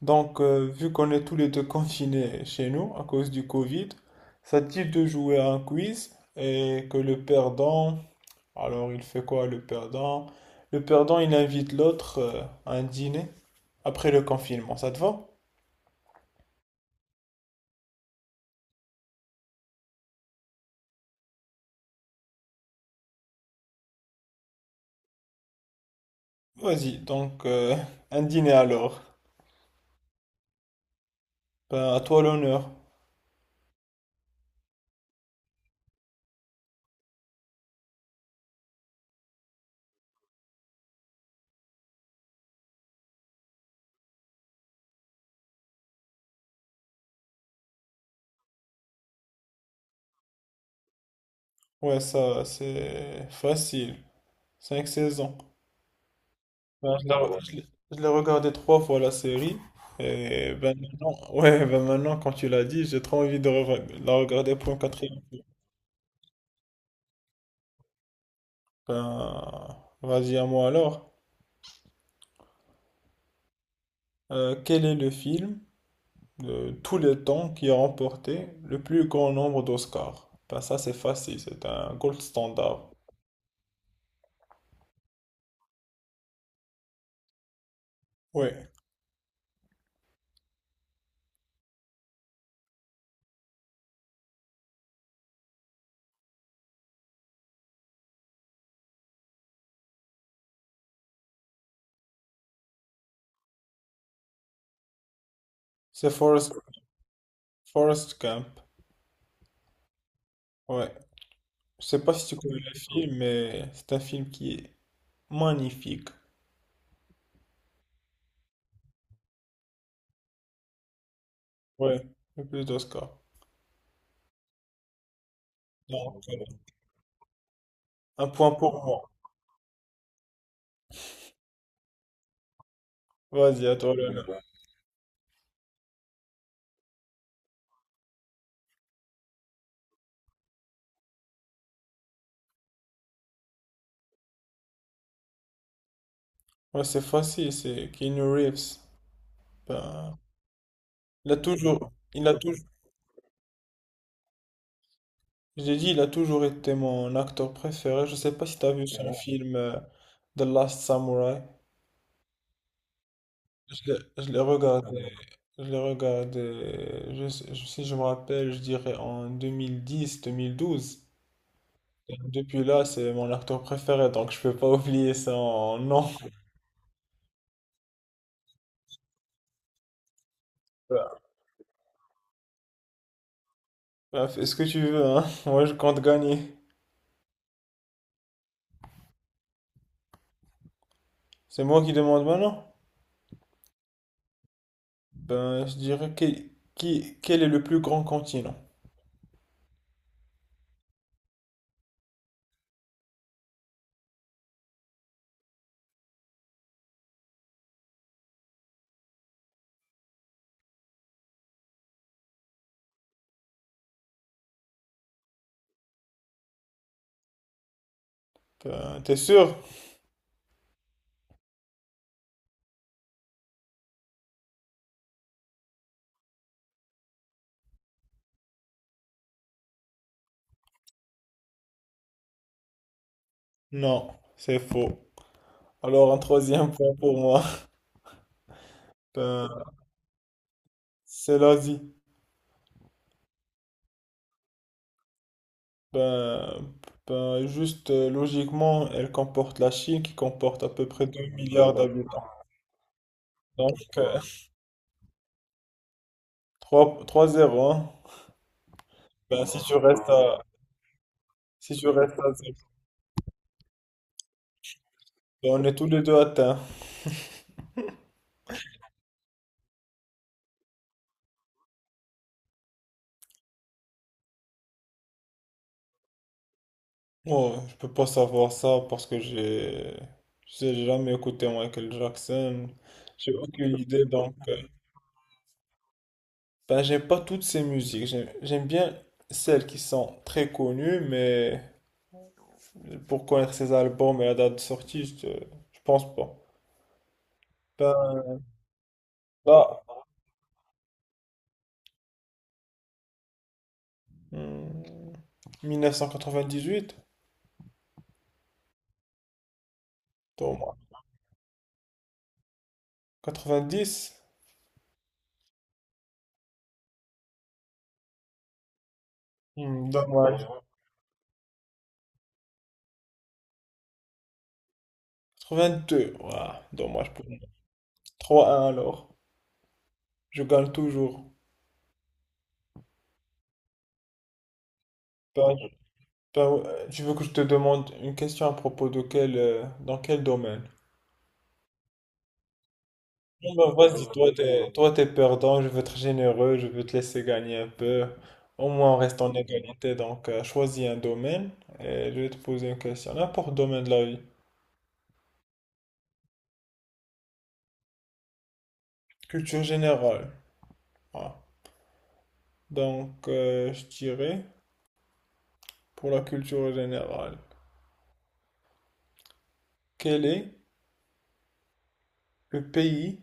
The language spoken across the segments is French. Vu qu'on est tous les deux confinés chez nous à cause du Covid, ça te dit de jouer à un quiz et que le perdant, alors il fait quoi le perdant? Le perdant, il invite l'autre à un dîner après le confinement, ça te va? Vas-y, un dîner alors. Ben, à toi l'honneur. Ouais, ça, c'est facile. 5 saisons. Ben, je l'ai Ah ouais. Je l'ai regardé trois fois la série. Et ben maintenant, ouais, ben maintenant, quand tu l'as dit, j'ai trop envie de la regarder pour une quatrième fois. Ben, Vas-y à moi alors. Quel est le film de tous les temps qui a remporté le plus grand nombre d'Oscars? Ben ça, c'est facile, c'est un gold standard. Ouais, c'est Forrest Gump. Ouais, je sais pas si tu connais le film, mais c'est un film qui est magnifique. Ouais, le plus d'Oscars. Donc, euh, Un point pour moi. Vas-y, à toi, Léonard. Ouais. Ouais, c'est facile, c'est Keanu Reeves. Ben, il a toujours, il a toujours, j'ai dit, il a toujours été mon acteur préféré. Je sais pas si t'as vu son film The Last Samurai. Je l'ai regardé, si je me rappelle, je dirais en 2010, 2012. Et depuis là, c'est mon acteur préféré, donc je peux pas oublier ça en non. Est ce que tu veux, hein. Moi, je compte gagner. C'est moi qui demande maintenant? Ben, je dirais que, qui, Quel est le plus grand continent? Ben, t'es sûr? Non, c'est faux. Alors, un troisième point pour moi. Ben, c'est l'Asie. Ben, ben, juste Logiquement, elle comporte la Chine qui comporte à peu près 2 milliards d'habitants. Donc, euh, Trois zéro hein. Ben, si tu restes à, Si tu restes à zéro, ben, on est tous les deux atteints. Ouais, je peux pas savoir ça parce que j'ai jamais écouté Michael Jackson. J'ai aucune idée. Ben j'aime pas toutes ces musiques. J'aime bien celles qui sont très connues mais pour connaître ses albums et la date de sortie, je pense pas. Ben là hmm, 1998, dommage. 90, dommage. 82, ouah, dommage pour moi. Trois un alors. Je gagne toujours. Ben, Tu veux que je te demande une question à propos de dans quel domaine? Non, ben, vas-y, toi t'es perdant, je veux être généreux, je veux te laisser gagner un peu. Au moins on reste en égalité, choisis un domaine et je vais te poser une question. N'importe domaine de la vie. Culture générale. Voilà. Donc euh, je dirais, pour la culture générale, quel est le pays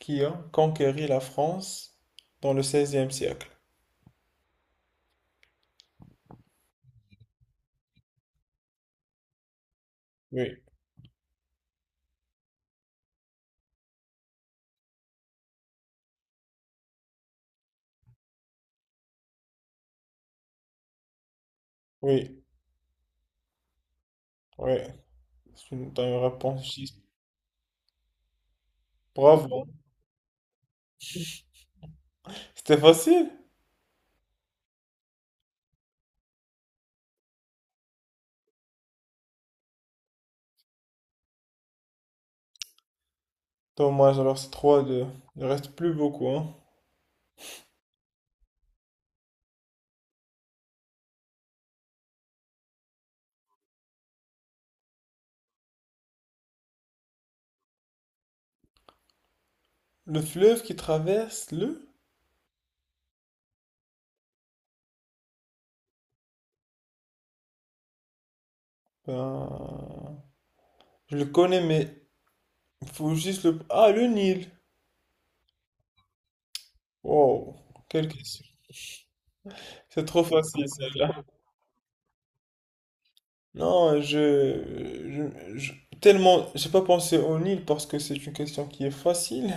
qui a conquéri la France dans le 16 siècle? Oui, oui, oui. Dans une réponse juste. Bravo. C'était facile. Dommage, alors c'est 3-2. Il reste plus beaucoup, hein. Le fleuve qui traverse le... Ben... Je le connais, mais il faut juste le... Ah, le Nil. Wow. Quelle question. C'est trop facile, celle-là. Non, je, je- Tellement... J'ai pas pensé au Nil parce que c'est une question qui est facile.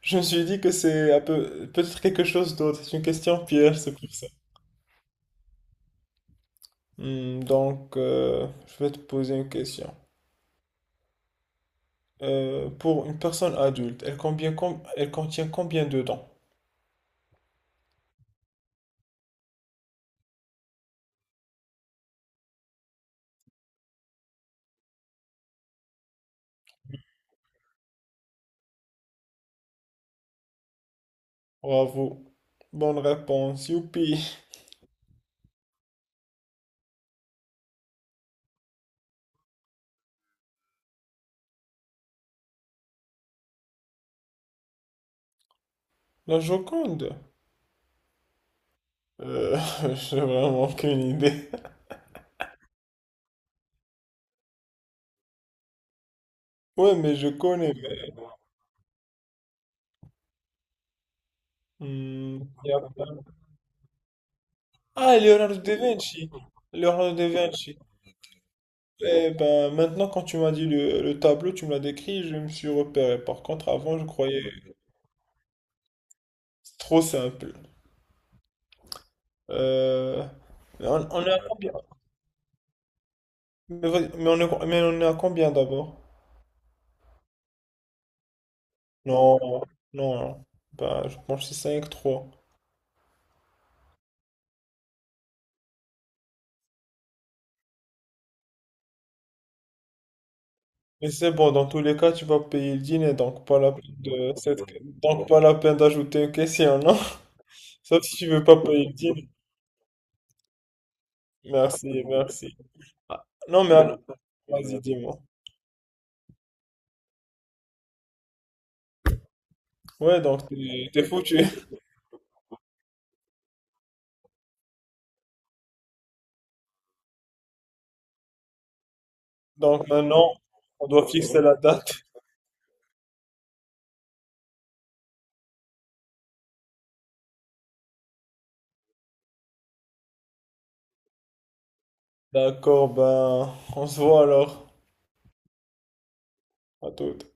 Je me suis dit que c'est un peu... Peut-être quelque chose d'autre. C'est une question piège, c'est pour ça. Hmm, je vais te poser une question. Pour une personne adulte, elle, elle contient combien de dents? Bravo. Bonne réponse, youpi. La Joconde? Euh, j'ai vraiment aucune idée. Ouais, mais je connais. Hmm, y a pas- Ah, Leonardo da Vinci. Leonardo da Vinci. Eh ben, maintenant, quand tu m'as dit le tableau, tu me l'as décrit, je me suis repéré. Par contre, avant, je croyais trop simple. Euh, mais on est à combien? Mais, vas-y, mais on est à combien d'abord? Non, non, non. Bah, je pense que c'est cinq trois. Mais c'est bon, dans tous les cas, tu vas payer le dîner, donc pas la peine de cette... donc pas la peine d'ajouter une question, non? Sauf si tu veux pas payer le dîner. Merci, merci. Non, mais alors, vas-y, dis-moi. Ouais, t'es foutu. Donc maintenant, on doit fixer la date. D'accord, ben, on se voit alors. À toute.